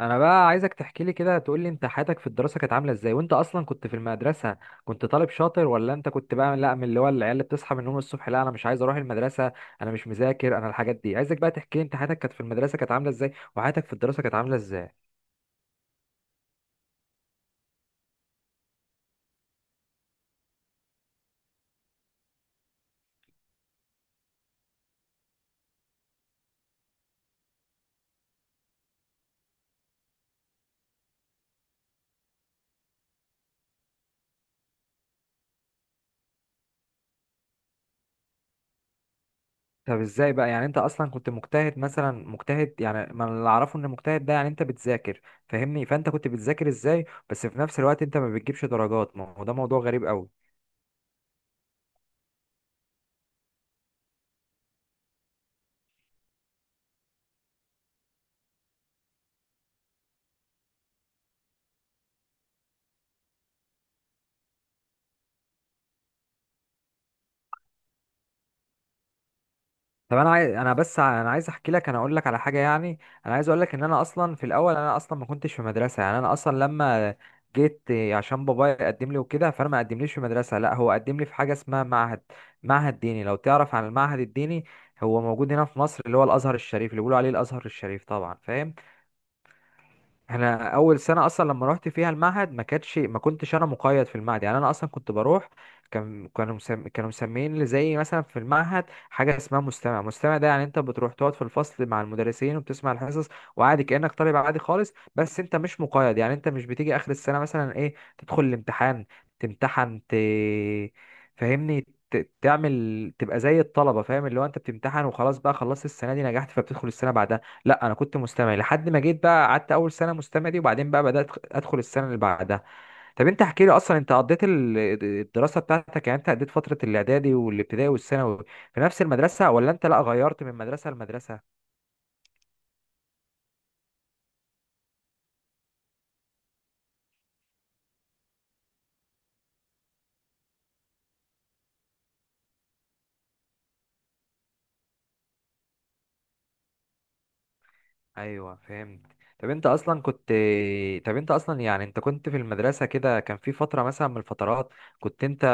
انا بقى عايزك تحكي لي كده، تقول لي انت حياتك في الدراسه كانت عامله ازاي، وانت اصلا كنت في المدرسه كنت طالب شاطر، ولا انت كنت بقى لا من اللي هو العيال اللي بتصحى من النوم الصبح لا انا مش عايز اروح المدرسه، انا مش مذاكر، انا الحاجات دي. عايزك بقى تحكي لي انت حياتك كانت في المدرسه كانت عامله ازاي، وحياتك في الدراسه كانت عامله ازاي؟ طب ازاي بقى يعني انت اصلا كنت مجتهد، مثلا مجتهد يعني، ما اللي اعرفه ان مجتهد ده يعني انت بتذاكر، فاهمني؟ فانت كنت بتذاكر ازاي بس في نفس الوقت انت ما بتجيبش درجات؟ ما هو ده موضوع غريب قوي. طب انا عايز احكي لك، انا اقول لك على حاجه يعني. انا عايز اقول لك ان انا اصلا في الاول انا اصلا ما كنتش في مدرسه، يعني انا اصلا لما جيت إيه، عشان بابايا قدم لي وكده فانا ما قدمليش في مدرسه، لا هو قدم لي في حاجه اسمها معهد، معهد ديني، لو تعرف عن المعهد الديني. هو موجود هنا في مصر اللي هو الازهر الشريف، اللي بيقولوا عليه الازهر الشريف طبعا، فاهم؟ انا اول سنه اصلا لما رحت فيها المعهد ما كنتش انا مقيد في المعهد، يعني انا اصلا كنت بروح كانوا مسميين لي زي مثلا في المعهد حاجه اسمها مستمع. مستمع ده يعني انت بتروح تقعد في الفصل مع المدرسين وبتسمع الحصص وعادي كانك طالب عادي خالص، بس انت مش مقيد، يعني انت مش بتيجي اخر السنه مثلا ايه تدخل الامتحان تمتحن ت... فاهمني، تعمل تبقى زي الطلبه، فاهم؟ اللي هو انت بتمتحن وخلاص بقى، خلصت السنه دي نجحت فبتدخل السنه بعدها. لا انا كنت مستمع لحد ما جيت بقى قعدت اول سنه مستمع دي، وبعدين بقى بدات ادخل السنه اللي بعدها. طب انت احكي لي اصلا، انت قضيت الدراسه بتاعتك يعني، انت قضيت فتره الاعدادي والابتدائي والثانوي في نفس المدرسه، ولا انت لا غيرت من مدرسه لمدرسه؟ ايوه فهمت. طب انت اصلا كنت طب انت اصلا يعني انت كنت في المدرسه كده، كان في فتره مثلا من الفترات كنت انت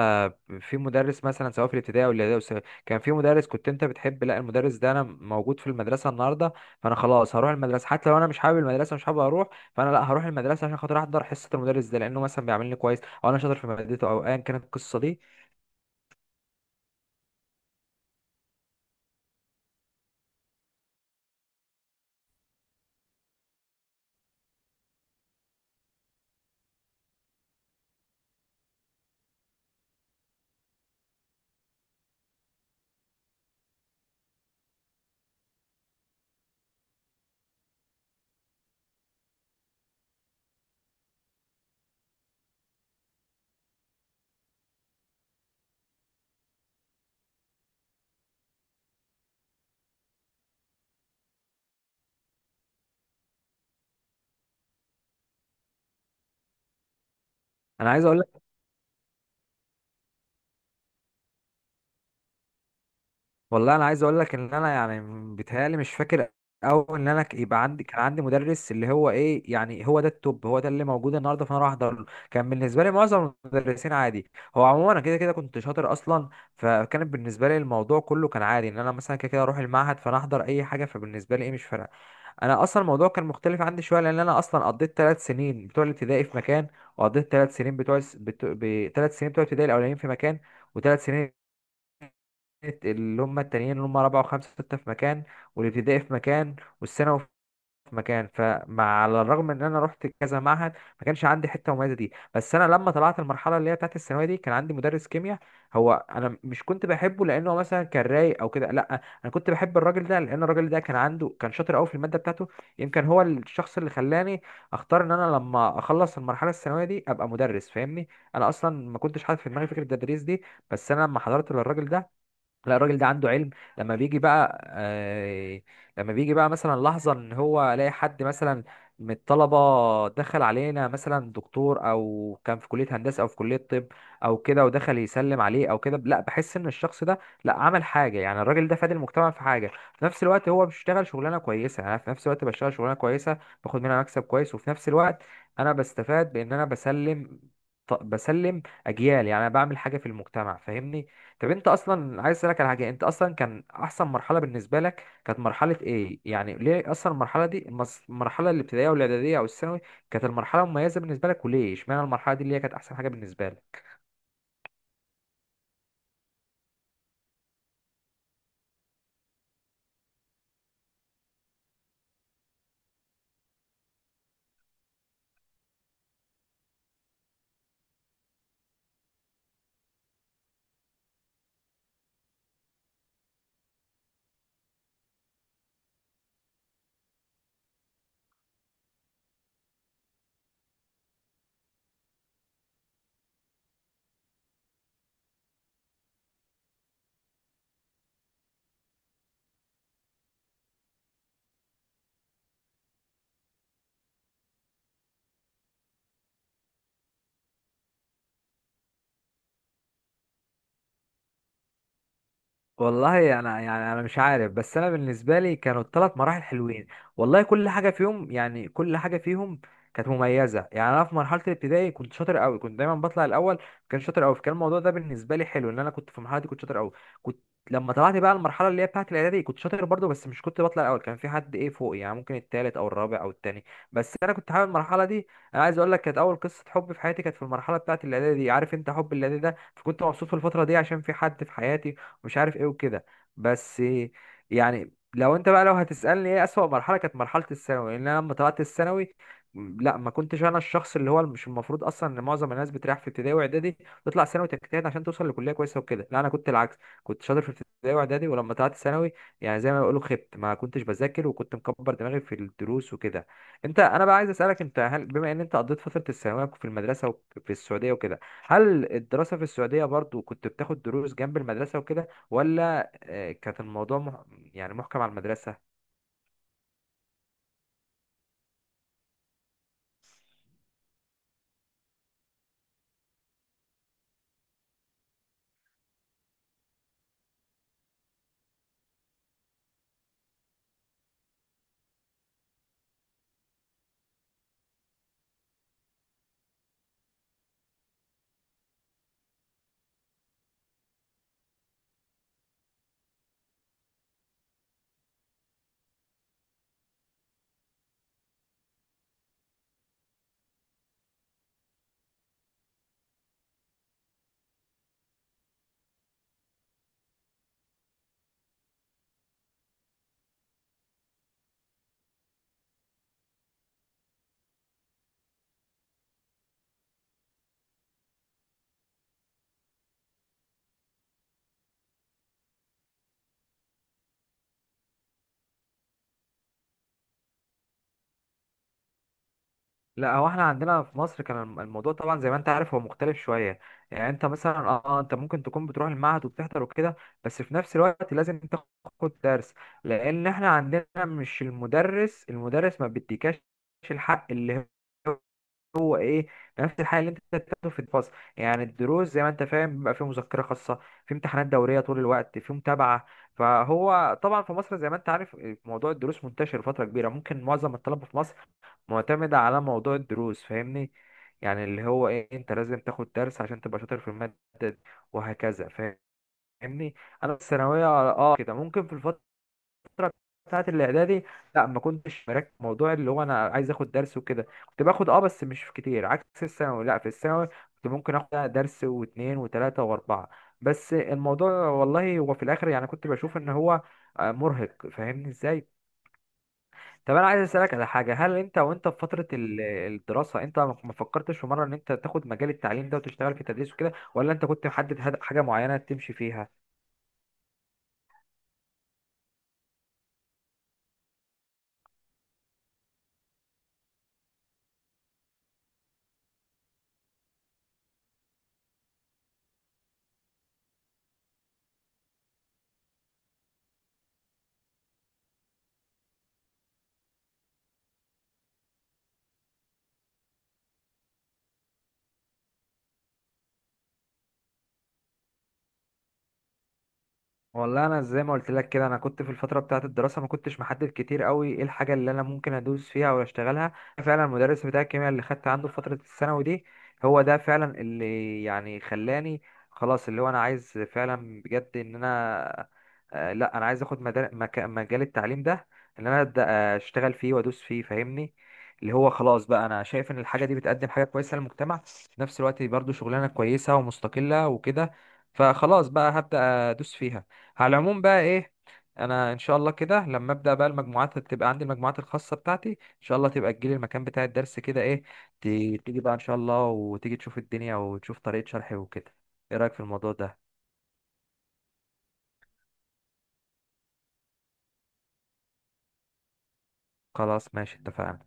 في مدرس مثلا، سواء في الابتدائي او الاعدادي أو الثانوي، كان في مدرس كنت انت بتحب، لا المدرس ده انا موجود في المدرسه النهارده، فانا خلاص هروح المدرسه حتى لو انا مش حابب المدرسه، مش حابب اروح، فانا لا هروح المدرسه عشان خاطر احضر حصه المدرس ده، لانه مثلا بيعاملني كويس، او انا شاطر في مادته، او ايا كانت القصه دي. انا عايز اقول والله انا عايز اقول لك ان انا يعني بيتهيألي مش فاكر، او ان انا ك- يبقى عندي كان عندي مدرس اللي هو ايه يعني، هو ده التوب، هو ده اللي موجود النهارده فانا راح احضر له. كان بالنسبه لي معظم المدرسين عادي، هو عموما انا كده كده كنت شاطر اصلا، فكان بالنسبه لي الموضوع كله كان عادي ان انا مثلا كده كده اروح المعهد، فانا احضر اي حاجه، فبالنسبه لي ايه مش فارقه. انا اصلا الموضوع كان مختلف عندي شويه لان انا اصلا قضيت ثلاث سنين بتوع الابتدائي في مكان، وقضيت ثلاث سنين بتوع الابتدائي الاولانيين في مكان، وثلاث سنين اللي هم التانيين اللي هم رابعة وخمسة وستة في مكان، والابتدائي في مكان، والثانوي في مكان. على الرغم ان انا رحت كذا معهد ما كانش عندي حته مميزه دي، بس انا لما طلعت المرحله اللي هي بتاعت الثانويه دي كان عندي مدرس كيمياء، هو انا مش كنت بحبه لانه هو مثلا كان رايق او كده، لا انا كنت بحب الراجل ده لان الراجل ده كان شاطر قوي في الماده بتاعته. يمكن هو الشخص اللي خلاني اختار ان انا لما اخلص المرحله الثانويه دي ابقى مدرس، فاهمني؟ انا اصلا ما كنتش حاطط في دماغي فكره التدريس دي، بس انا لما حضرت للراجل ده، لا الراجل ده عنده علم، لما بيجي بقى آه لما بيجي بقى مثلا لحظة ان هو الاقي حد مثلا من الطلبة دخل علينا مثلا دكتور، او كان في كلية هندسة او في كلية طب او كده، ودخل يسلم عليه او كده، لا بحس ان الشخص ده لا عمل حاجة، يعني الراجل ده فاد المجتمع في حاجة، في نفس الوقت هو بيشتغل شغلانة كويسة، انا في نفس الوقت بشتغل شغلانة كويسة، باخد منها مكسب كويس، وفي نفس الوقت انا بستفاد بان انا بسلم اجيال، يعني انا بعمل حاجة في المجتمع، فاهمني؟ طب انت اصلا عايز اسالك على حاجه، انت اصلا كان احسن مرحله بالنسبه لك كانت مرحله ايه يعني؟ ليه اصلا المرحله دي المرحله الابتدائيه والاعداديه او الثانوي كانت المرحله المميزه بالنسبه لك، وليه اشمعنى المرحله دي اللي هي كانت احسن حاجه بالنسبه لك؟ والله انا يعني انا مش عارف، بس انا بالنسبه لي كانوا الثلاث مراحل حلوين. والله كل حاجه فيهم كانت مميزه. يعني انا في مرحله الابتدائي كنت شاطر قوي، كنت دايما بطلع الاول، كان شاطر قوي، فكان الموضوع ده بالنسبه لي حلو ان انا كنت في المرحله دي كنت شاطر قوي كنت. لما طلعت بقى المرحله اللي هي بتاعه الاعدادي كنت شاطر برضو، بس مش كنت بطلع الاول، كان في حد ايه فوقي، يعني ممكن التالت او الرابع او التاني، بس انا كنت حابب المرحله دي. انا عايز اقول لك كانت اول قصه حب في حياتي كانت في المرحله بتاعه الاعدادي دي، عارف انت حب الاعدادي ده، فكنت مبسوط في الفتره دي عشان في حد في حياتي، ومش عارف ايه وكده. بس يعني، لو انت بقى لو هتسألني ايه أسوأ مرحلة، كانت مرحلة الثانوي، لان انا لما طلعت الثانوي، لا ما كنتش انا الشخص اللي هو، مش المفروض اصلا ان معظم الناس بتريح في ابتدائي واعدادي، تطلع ثانوي تجتهد عشان توصل لكلية كويسة وكده، لا انا كنت العكس، كنت شاطر في ابتدائي واعدادي، ولما طلعت ثانوي يعني زي ما بيقولوا خبت، ما كنتش بذاكر وكنت مكبر دماغي في الدروس وكده. انا بقى عايز اسالك، انت هل بما ان انت قضيت فتره الثانويه في المدرسه وفي السعوديه وكده، هل الدراسه في السعوديه برضو كنت بتاخد دروس جنب المدرسه وكده، ولا كانت الموضوع يعني محكم على المدرسة؟ لا هو احنا عندنا في مصر كان الموضوع طبعا زي ما انت عارف هو مختلف شوية، يعني انت مثلا انت ممكن تكون بتروح المعهد وبتحضر وكده، بس في نفس الوقت لازم تاخد درس، لان احنا عندنا مش المدرس ما بيديكاش الحق اللي هو ايه، نفس الحاجه اللي انت بتاخده في الفصل، يعني الدروس زي ما انت فاهم بيبقى فيه مذكره خاصه، في امتحانات دوريه طول الوقت، في متابعه، فهو طبعا في مصر زي ما انت عارف موضوع الدروس منتشر فتره كبيره، ممكن معظم الطلبه في مصر معتمده على موضوع الدروس، فاهمني؟ يعني اللي هو ايه، انت لازم تاخد درس عشان تبقى شاطر في الماده دي، وهكذا، فاهمني؟ انا في الثانويه كده ممكن، في الفترة بتاعت الإعدادي لا ما كنتش مركز في موضوع اللي هو أنا عايز آخد درس وكده، كنت باخد بس مش كتير، عكس الثانوي، لا في الثانوي كنت ممكن آخد درس واتنين وتلاتة وأربعة، بس الموضوع والله هو في الآخر يعني كنت بشوف إن هو مرهق، فاهمني إزاي؟ طب أنا عايز أسألك على حاجة، هل أنت وأنت في فترة الدراسة، أنت ما فكرتش في مرة إن أنت تاخد مجال التعليم ده وتشتغل في التدريس وكده، ولا أنت كنت محدد حاجة معينة تمشي فيها؟ والله انا زي ما قلت لك كده انا كنت في الفتره بتاعه الدراسه ما كنتش محدد كتير قوي ايه الحاجه اللي انا ممكن ادوس فيها او اشتغلها، فعلا المدرس بتاع الكيمياء اللي خدت عنده في فتره الثانوي دي هو ده فعلا اللي يعني خلاني، خلاص اللي هو انا عايز فعلا بجد ان انا لا انا عايز اخد مجال التعليم ده، ان انا ابدا اشتغل فيه وادوس فيه، فاهمني؟ اللي هو خلاص بقى، انا شايف ان الحاجه دي بتقدم حاجه كويسه للمجتمع، في نفس الوقت برضو شغلانه كويسه ومستقله وكده، فخلاص بقى هبدا ادوس فيها. على العموم بقى ايه، انا ان شاء الله كده لما ابدا بقى المجموعات تبقى عندي، المجموعات الخاصه بتاعتي ان شاء الله، تبقى تجيلي المكان بتاع الدرس كده، ايه ت- تيجي بقى ان شاء الله، وتيجي تشوف الدنيا وتشوف طريقه شرحي وكده، ايه رايك في الموضوع ده؟ خلاص، ماشي، اتفقنا.